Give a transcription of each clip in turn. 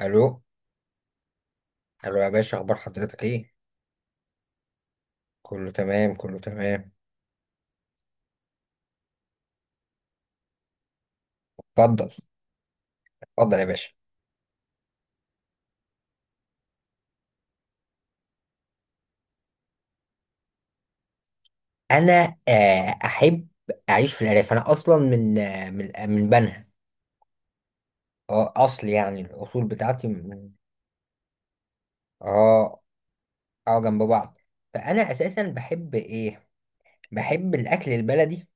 الو. الو يا باشا، اخبار حضرتك ايه؟ كله تمام كله تمام. اتفضل. اتفضل يا باشا. انا احب اعيش في الارياف. انا اصلا من بنها. اه، اصل يعني الاصول بتاعتي اه. اه جنب بعض. فانا اساسا بحب ايه؟ بحب الاكل البلدي،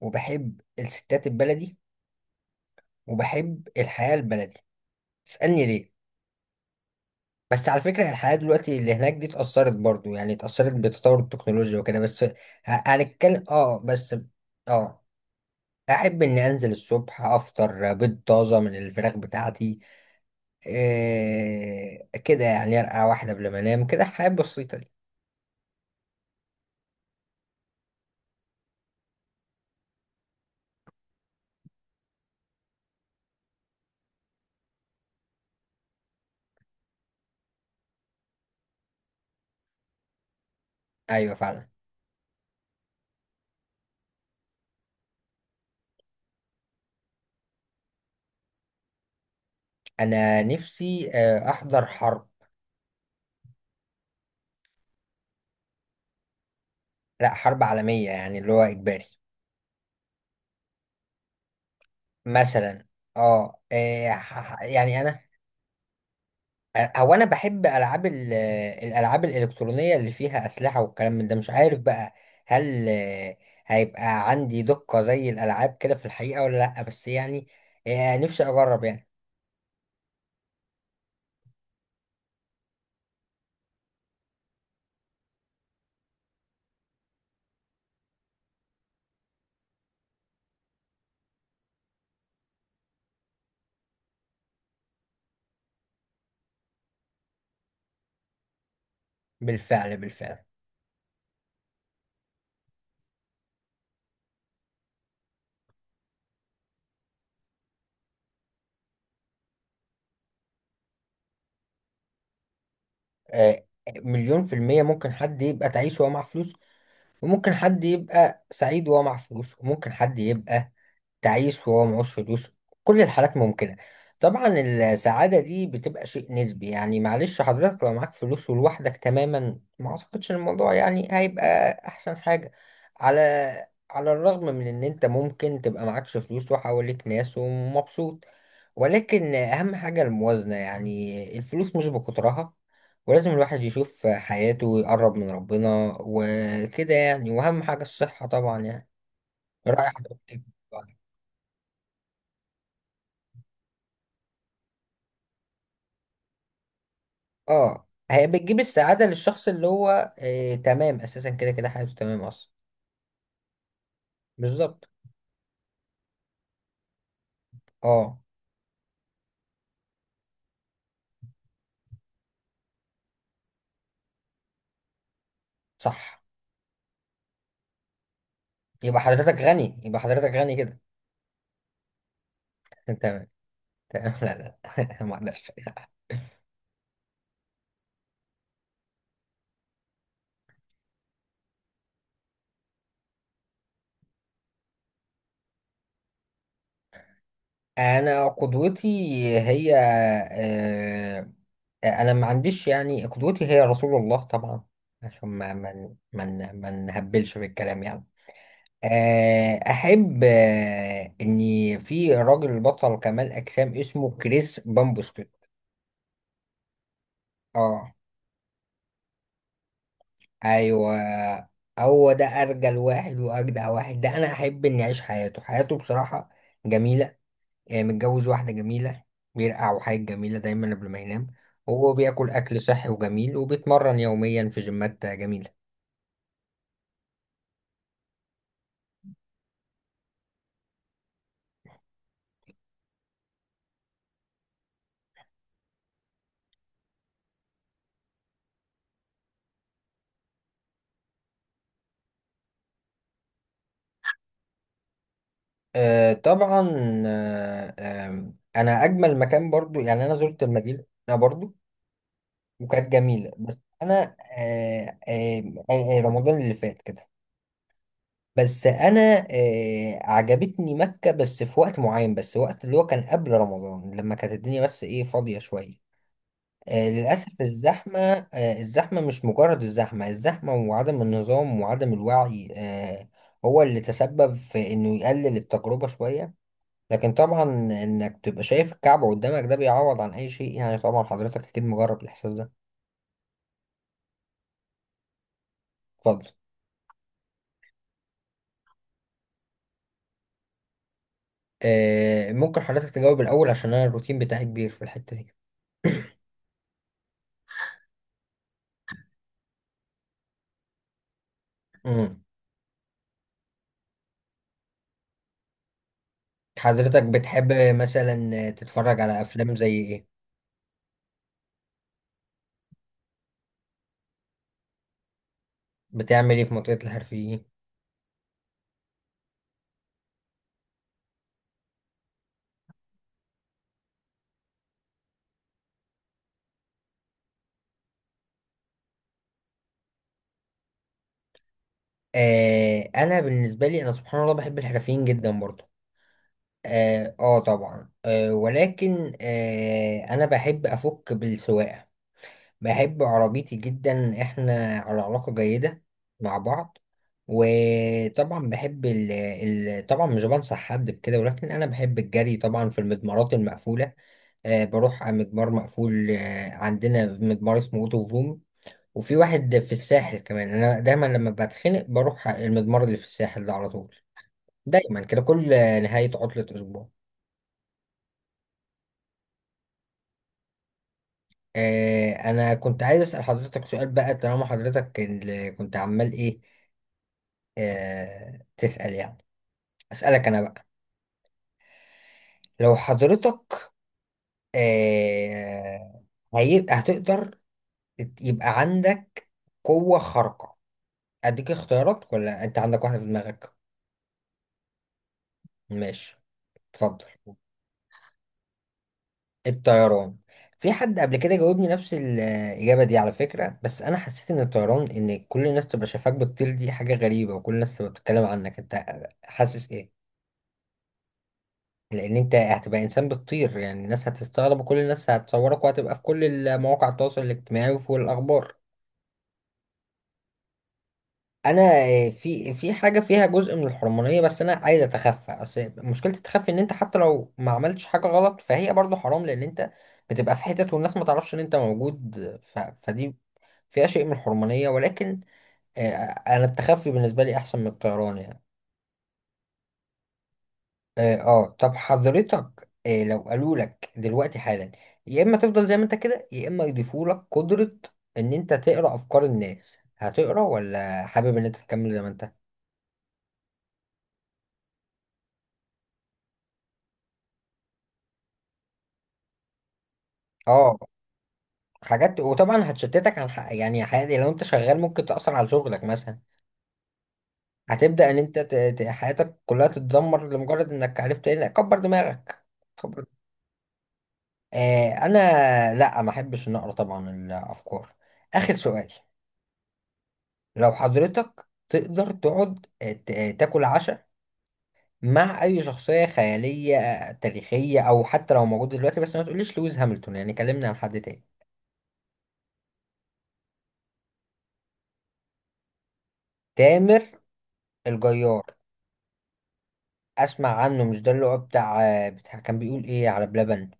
وبحب الستات البلدي، وبحب الحياة البلدي. تسألني ليه؟ بس على فكرة الحياة دلوقتي اللي هناك دي اتأثرت برضو، يعني اتأثرت بتطور التكنولوجيا وكده، بس هنتكلم. اه بس. اه، أحب إني أنزل الصبح أفطر بيض طازة من الفراخ بتاعتي. إيه كده يعني؟ أرقع واحدة قبل ما أنام كده، الحياة البسيطة دي. أيوة فعلا. أنا نفسي أحضر حرب. لأ، حرب عالمية يعني، اللي هو إجباري. مثلا. اه يعني أنا، هو انا بحب العاب الالعاب الالكترونيه اللي فيها اسلحه والكلام من ده، مش عارف بقى. هل هيبقى عندي دقه زي الالعاب كده في الحقيقه ولا لا؟ بس يعني نفسي اجرب يعني. بالفعل بالفعل. آه، مليون في المية ممكن حد يبقى تعيس وهو معاه فلوس، وممكن حد يبقى سعيد وهو معاه فلوس، وممكن حد يبقى تعيس وهو معهوش فلوس. كل الحالات ممكنة. طبعا السعادة دي بتبقى شيء نسبي، يعني معلش حضرتك لو معاك فلوس ولوحدك تماما، ما اعتقدش الموضوع يعني هيبقى احسن حاجة. على على الرغم من ان انت ممكن تبقى معكش فلوس وحواليك ناس ومبسوط، ولكن اهم حاجة الموازنة، يعني الفلوس مش بكترها، ولازم الواحد يشوف حياته ويقرب من ربنا وكده يعني، واهم حاجة الصحة طبعا يعني. رأي حضرتك إيه؟ اه، هي بتجيب السعادة للشخص اللي هو آه تمام اساسا، كده كده حياته تمام اصلا. بالظبط. اه صح. يبقى حضرتك غني، يبقى حضرتك غني كده. تمام. تمام، لا لا. ما اقدرش. انا قدوتي هي آه، انا ما عنديش. يعني قدوتي هي رسول الله طبعا، عشان ما نهبلش في الكلام يعني. احب اني في راجل بطل كمال اجسام اسمه كريس بامبوسكي. اه. ايوه، هو ده ارجل واحد واجدع واحد. ده انا احب اني اعيش حياته. حياته بصراحه جميله، يعني متجوز واحده جميله، بيرقع وحاجه جميله دايما قبل ما ينام، وهو بياكل اكل صحي وجميل وبيتمرن يوميا في جيمات جميله. آه طبعا. انا اجمل مكان برضو، يعني انا زرت المدينه برضو وكانت جميله، بس انا رمضان اللي فات كده. بس انا عجبتني مكة بس في وقت معين، بس وقت اللي هو كان قبل رمضان لما كانت الدنيا بس ايه، فاضية شوية. آه للأسف الزحمة. آه الزحمة، مش مجرد الزحمة، الزحمة وعدم النظام وعدم الوعي آه، هو اللي تسبب في انه يقلل التجربة شوية. لكن طبعا انك تبقى شايف الكعبة قدامك، ده بيعوض عن اي شيء يعني. طبعا حضرتك اكيد مجرب الاحساس ده. اتفضل. آه، ممكن حضرتك تجاوب الاول، عشان انا الروتين بتاعي كبير في الحتة دي. حضرتك بتحب مثلا تتفرج على افلام زي ايه؟ بتعمل ايه في منطقة الحرفيين؟ آه، انا بالنسبة لي انا سبحان الله بحب الحرفيين جدا برضو. طبعا ولكن انا بحب افك بالسواقة. بحب عربيتي جدا، احنا على علاقة جيدة مع بعض. وطبعا بحب ال طبعا مش بنصح حد بكده، ولكن انا بحب الجري طبعا في المضمارات المقفولة. بروح على مجمار مقفول. عندنا مجمار اسمه اوتو فروم، وفي واحد في الساحل كمان. انا دايما لما بتخنق بروح على المجمار اللي في الساحل ده على طول، دايما كده كل نهاية عطلة اسبوع. انا كنت عايز اسأل حضرتك سؤال بقى، طالما حضرتك اللي كنت عمال ايه، تسأل يعني. اسألك انا بقى، لو حضرتك آه، هتقدر يبقى عندك قوة خارقة. اديك اختيارات ولا انت عندك واحدة في دماغك؟ ماشي، اتفضل. الطيران. في حد قبل كده جاوبني نفس الإجابة دي على فكرة، بس أنا حسيت إن الطيران، إن كل الناس تبقى شايفاك بتطير دي حاجة غريبة، وكل الناس تبقى بتتكلم عنك أنت. حاسس إيه؟ لأن أنت هتبقى إنسان بتطير، يعني الناس هتستغرب وكل الناس هتصورك، وهتبقى في كل مواقع التواصل الاجتماعي وفي الأخبار. انا في حاجه فيها جزء من الحرمانيه، بس انا عايز اتخفى. اصل مشكله التخفي ان انت حتى لو ما عملتش حاجه غلط، فهي برضو حرام، لان انت بتبقى في حتت والناس ما تعرفش ان انت موجود. فدي فيها شيء من الحرمانيه، ولكن آه، انا التخفي بالنسبه لي احسن من الطيران يعني. اه طب حضرتك، لو قالوا لك دلوقتي حالا يا اما تفضل زي ما انت كده، يا اما يضيفوا لك قدره ان انت تقرا افكار الناس، هتقرا ولا حابب ان انت تكمل زي ما انت؟ اه حاجات، وطبعا هتشتتك عن حق يعني حياتي. لو انت شغال ممكن تأثر على شغلك مثلا، هتبدأ ان انت حياتك كلها تتدمر لمجرد انك عرفت ايه. لا، كبر دماغك. كبر. آه انا لا، ما احبش ان اقرا طبعا الافكار. اخر سؤال: لو حضرتك تقدر تقعد تاكل عشاء مع اي شخصية خيالية تاريخية، او حتى لو موجود دلوقتي، بس ما تقوليش لويس هاملتون يعني، كلمنا عن حد تاني. تامر الجيار. اسمع عنه، مش ده اللي هو بتاع بتاع كان بيقول ايه على بلبن؟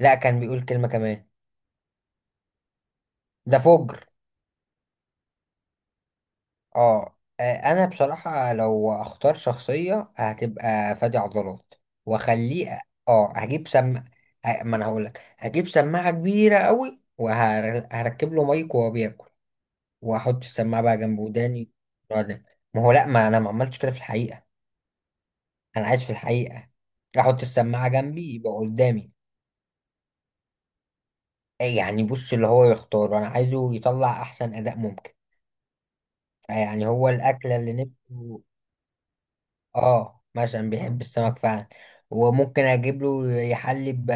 لا، كان بيقول كلمة كمان. ده فجر. اه انا بصراحة لو اختار شخصية هتبقى فادي عضلات، واخليه. اه، هجيب سم، ما انا هقولك، هجيب سماعة كبيرة قوي وهركب له مايك، وهو بياكل واحط السماعة بقى جنب وداني، نقعد ناكل. ما هو لا، ما انا ما عملتش كده في الحقيقة، انا عايش في الحقيقة. احط السماعة جنبي، يبقى قدامي. إيه يعني؟ بص اللي هو يختار، انا عايزه يطلع احسن اداء ممكن. يعني هو الاكله اللي نفسه. اه مثلا بيحب السمك فعلا، وممكن اجيب له يحلي ب...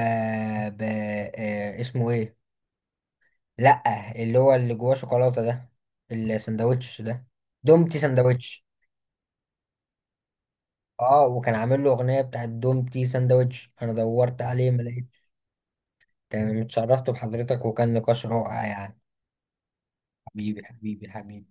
ب... آه، اسمه ايه؟ لا، اللي هو اللي جواه شوكولاته ده، الساندوتش ده، دومتي ساندوتش. اه، وكان عامل له اغنيه بتاعت دومتي ساندوتش، انا دورت عليه ما لقيتش. تمام، اتشرفت بحضرتك وكان نقاش رائع يعني. حبيبي حبيبي حبيبي.